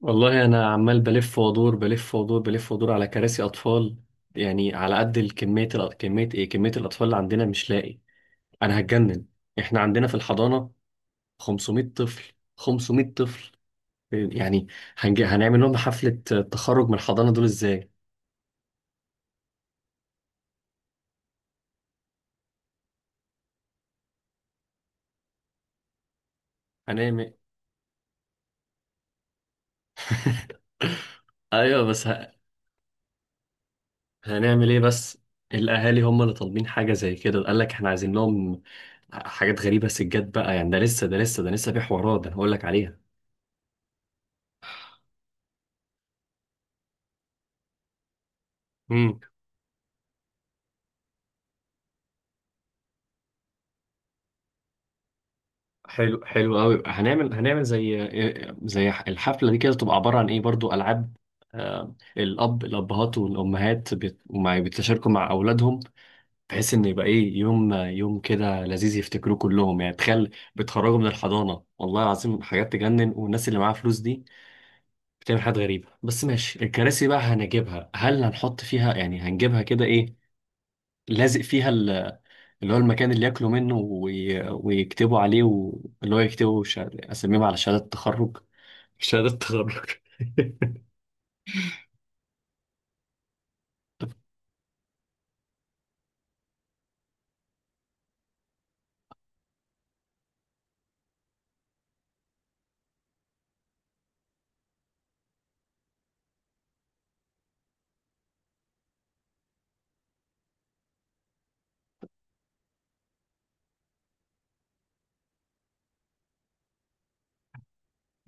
والله انا عمال بلف وادور بلف وادور بلف وادور على كراسي اطفال. يعني على قد الكميه، كميه ايه، كميه الاطفال اللي عندنا مش لاقي. انا هتجنن. احنا عندنا في الحضانه 500 طفل، 500 طفل يعني. هنعمل لهم حفله تخرج من الحضانه دول ازاي. هنعمل ايوه، بس هنعمل ايه بس. الاهالي هم اللي طالبين حاجه زي كده، قال لك احنا عايزين لهم حاجات غريبه. سجاد بقى يعني، ده لسه في حوارات، ده انا هقول لك عليها. حلو، حلو قوي. هنعمل زي الحفله دي كده، تبقى عباره عن ايه؟ برضو العاب. الابهات والامهات بيتشاركوا مع اولادهم، بحيث ان يبقى ايه، يوم يوم كده لذيذ يفتكروه كلهم. يعني تخيل، بتخرجوا من الحضانه، والله العظيم حاجات تجنن. والناس اللي معاها فلوس دي بتعمل حاجات غريبه. بس ماشي، الكراسي بقى هنجيبها، هل هنحط فيها يعني، هنجيبها كده ايه لازق فيها، اللي هو المكان اللي ياكلوا منه ويكتبوا عليه اللي هو يكتبوا اساميهم على شهادة التخرج، شهادة تخرج.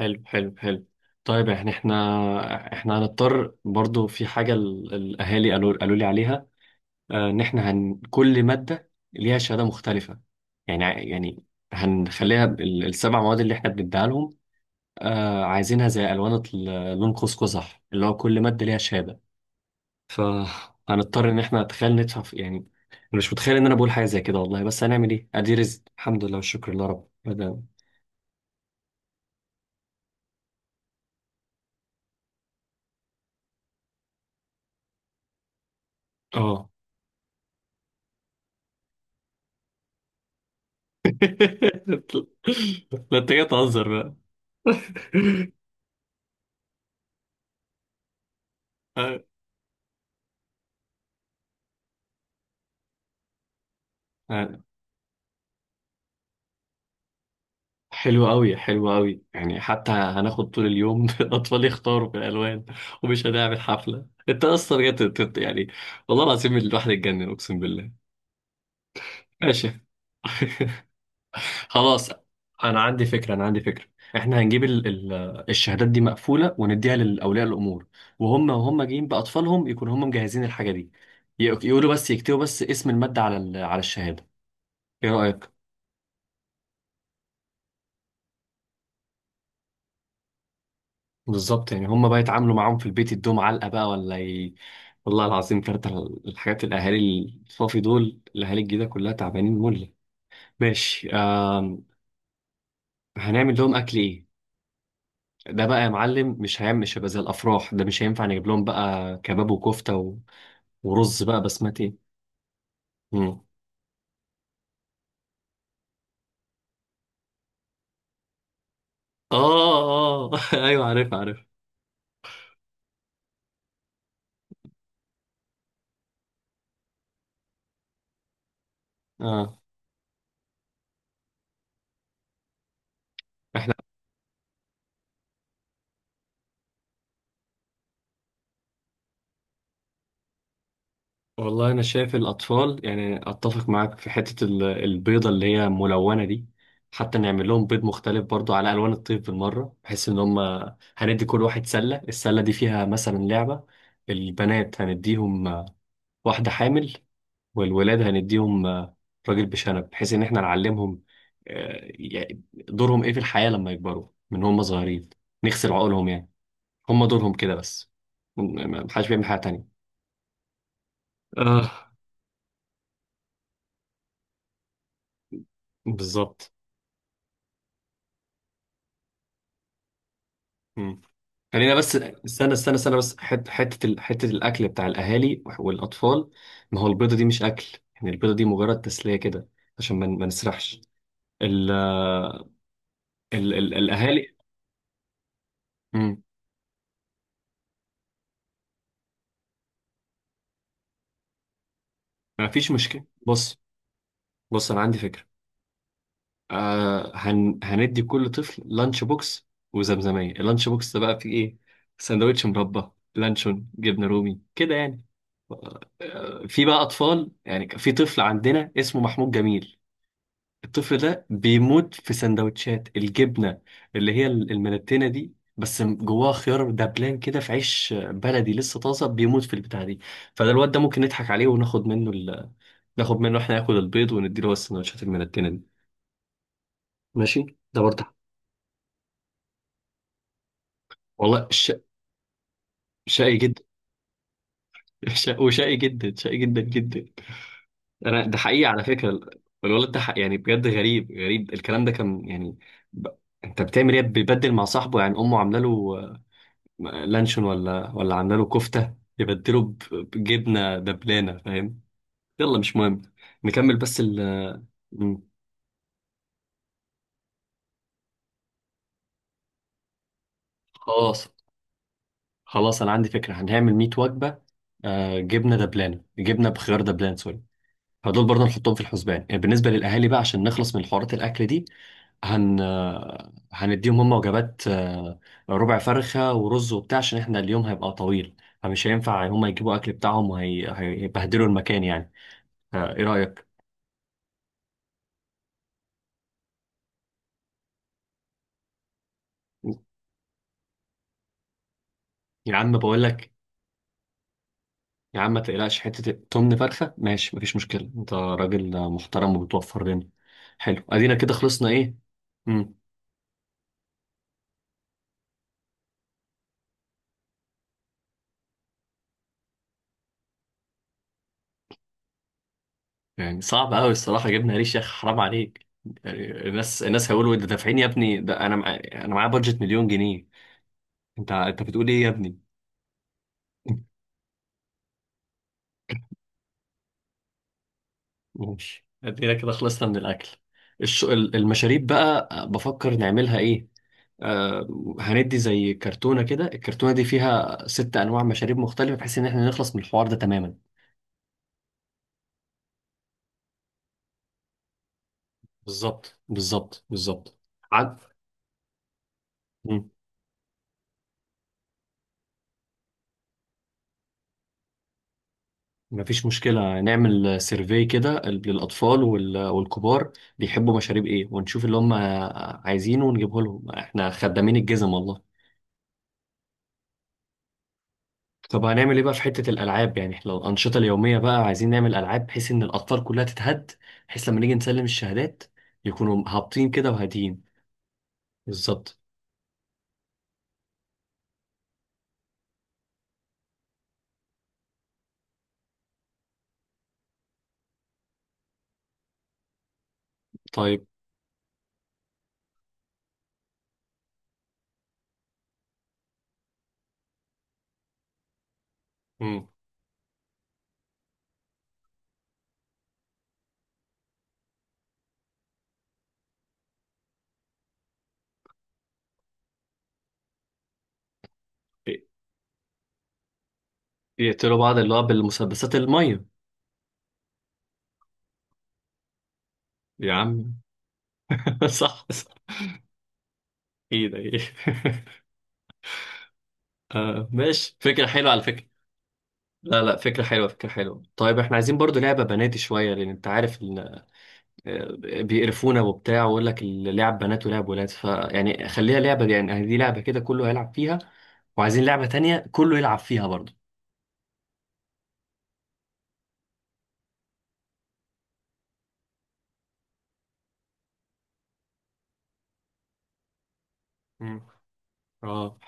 حلو، حلو حلو. طيب يعني، احنا هنضطر برضو في حاجة، الأهالي قالوا لي عليها. إن احنا، كل مادة ليها شهادة مختلفة. يعني هنخليها السبع مواد اللي احنا بنديها لهم، عايزينها زي ألوان لون قوس قزح، اللي هو كل مادة ليها شهادة. فهنضطر ان احنا، تخيل، ندفع يعني انا مش متخيل ان انا بقول حاجه زي كده والله. بس هنعمل ايه، ادي رزق، الحمد لله والشكر لله، رب اه. لا، انت جاي تهزر بقى. آه، آه، حلو قوي، حلو قوي. يعني حتى هناخد طول اليوم الاطفال يختاروا في الالوان، ومش هنعمل حفله. انت اصلا جاي يعني، والله العظيم الواحد اتجنن، اقسم بالله. ماشي. خلاص، انا عندي فكره، انا عندي فكره. احنا هنجيب ال ال الشهادات دي مقفوله، ونديها للاولياء الامور. وهم جايين باطفالهم، يكونوا هم مجهزين الحاجه دي. يقولوا بس، يكتبوا بس اسم الماده على على الشهاده. ايه رايك؟ بالظبط، يعني هم بقى يتعاملوا معاهم في البيت، يدوهم علقه بقى ولا والله العظيم. كارت الحاجات، الاهالي الصافي دول، الاهالي الجديده كلها تعبانين مله. ماشي. هنعمل لهم اكل ايه؟ ده بقى يا معلم مش هيبقى زي الافراح. ده مش هينفع نجيب لهم بقى كباب وكفته، ورز بقى بسمتي. مم. اه، اه. ايوه، عارف عارف. اه، احنا. والله انا شايف الاطفال، يعني اتفق معاك في حته البيضه اللي هي ملونه دي. حتى نعمل لهم بيض مختلف برضو على الوان الطيف بالمره، بحيث ان هم هندي كل واحد سله. السله دي فيها مثلا لعبه. البنات هنديهم واحده حامل. والولاد هنديهم راجل بشنب، بحيث ان احنا نعلمهم يعني دورهم ايه في الحياه لما يكبروا، من هم صغيرين نغسل عقولهم يعني. هم دورهم كده بس، محدش بيعمل حاجة تانية. اه، بالظبط. مم. خلينا بس، استنى استنى استنى بس حتة حتة الأكل بتاع الأهالي والأطفال. ما هو البيضة دي مش أكل يعني، البيضة دي مجرد تسلية كده، عشان ما نسرحش ال ال ال الأهالي. مم. ما فيش مشكلة. بص، بص، أنا عندي فكرة. هندي كل طفل لانش بوكس وزمزمية. اللانش بوكس ده بقى فيه إيه؟ سندوتش مربى، لانشون، جبنة رومي كده يعني. في بقى اطفال يعني، كان في طفل عندنا اسمه محمود جميل. الطفل ده بيموت في سندوتشات الجبنه اللي هي الملتينه دي، بس جواها خيار دبلان كده في عيش بلدي لسه طازه، بيموت في البتاع دي. فده الواد ده ممكن نضحك عليه، وناخد منه ناخد منه، احنا ناكل البيض ونديله بس السندوتشات الملتينه دي. ماشي. ده برضه والله، شقي جدا. وشقي جدا، شقي جدا جدا. انا ده حقيقي على فكره، الولد ده حق يعني، بجد غريب، غريب الكلام ده، كان يعني ب... انت بتعمل ايه؟ بيبدل مع صاحبه يعني. امه عامله له لانشون ولا عامله له كفته، يبدله بجبنه دبلانه، فاهم. يلا مش مهم، نكمل بس ال آه، مم. خلاص، خلاص، انا عندي فكره، هنعمل 100 وجبه. جبنه دبلانه، جبنه بخيار دبلان، سوري. فدول برضه نحطهم في الحسبان، يعني بالنسبة للأهالي بقى، عشان نخلص من حوارات الأكل دي. هن هنديهم هم وجبات، ربع فرخة ورز وبتاع، عشان احنا اليوم هيبقى طويل. فمش هينفع هم يجيبوا أكل بتاعهم وهيبهدلوا المكان يعني. إيه رأيك؟ يا عم بقول لك، يا عم ما تقلقش، حتة تمن فرخة ماشي مفيش مشكلة، أنت راجل محترم وبتوفر لنا. حلو، أدينا كده، خلصنا إيه؟ يعني صعب قوي الصراحه، جبنا ريش يا اخي، حرام عليك. يعني الناس هيقولوا انت دافعين يا ابني، ده انا انا معايا بادجت مليون جنيه. انت بتقول ايه يا ابني؟ ماشي، ادينا كده، خلصنا من الاكل. المشاريب بقى، بفكر نعملها ايه. آه... هندي زي كرتونه كده، الكرتونه دي فيها ست انواع مشاريب مختلفه، بحيث ان احنا نخلص من الحوار ده تماما. بالظبط، بالظبط، بالظبط. عد... مفيش مشكلة، نعمل سيرفي كده للأطفال والكبار. بيحبوا مشاريب إيه؟ ونشوف اللي هم عايزينه، ونجيبه لهم. إحنا خدامين الجزم والله. طب هنعمل إيه بقى في حتة الألعاب؟ يعني إحنا لو الأنشطة اليومية بقى، عايزين نعمل ألعاب بحيث إن الأطفال كلها تتهد، بحيث لما نيجي نسلم الشهادات، يكونوا هابطين كده وهاديين. بالظبط. طيب. مم. ي- يقتلوا بعض، اللي هو بالمسدسات المية. يا عم. صح، صح، إيه ده إيه؟ آه ماشي، فكرة حلوة على فكرة. لا، لا، فكرة حلوة، فكرة حلوة. طيب احنا عايزين برضو لعبة بناتي شوية، لأن أنت عارف إن آه، بيقرفونا وبتاع، ويقول لك اللعب بنات ولعب ولاد. فيعني خليها لعبة دي، يعني دي لعبة كده كله هيلعب فيها. وعايزين لعبة تانية كله يلعب فيها برضو. مم. اه.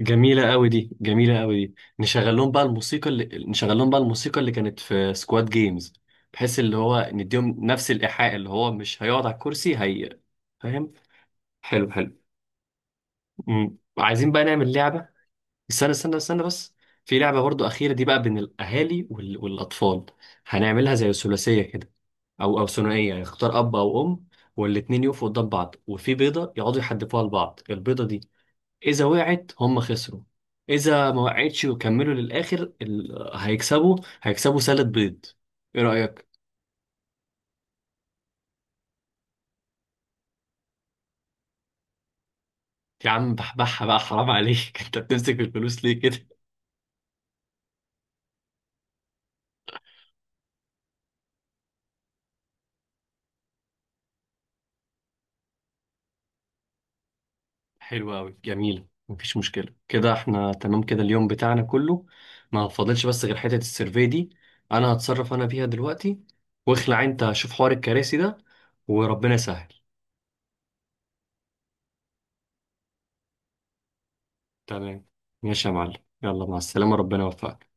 جميلة قوي دي، جميلة قوي دي. نشغل لهم بقى الموسيقى اللي كانت في سكواد جيمز، بحيث اللي هو نديهم نفس الإيحاء اللي هو مش هيقعد على الكرسي هي. فاهم؟ حلو، حلو. عايزين بقى نعمل لعبة، استنى استنى استنى بس، في لعبة برضو أخيرة دي بقى بين الأهالي والأطفال. هنعملها زي ثلاثية كده، أو ثنائية. يعني اختار أب أو أم، والاتنين يقفوا قدام بعض، وفي بيضة يقعدوا يحدفوها لبعض. البيضة دي إذا وقعت هم خسروا، إذا ما وقعتش وكملوا للآخر هيكسبوا سالة بيض. إيه رأيك؟ يا عم بحبحها بقى، حرام عليك. أنت بتمسك الفلوس ليه؟ حلو قوي، جميل، مفيش مشكله. كده احنا تمام، كده اليوم بتاعنا كله ما فاضلش بس غير حته السيرفي دي. انا هتصرف انا فيها دلوقتي، واخلع انت شوف حوار الكراسي ده. وربنا يسهل. تمام، ماشي يا معلم. يلا، مع السلامه، ربنا يوفقك.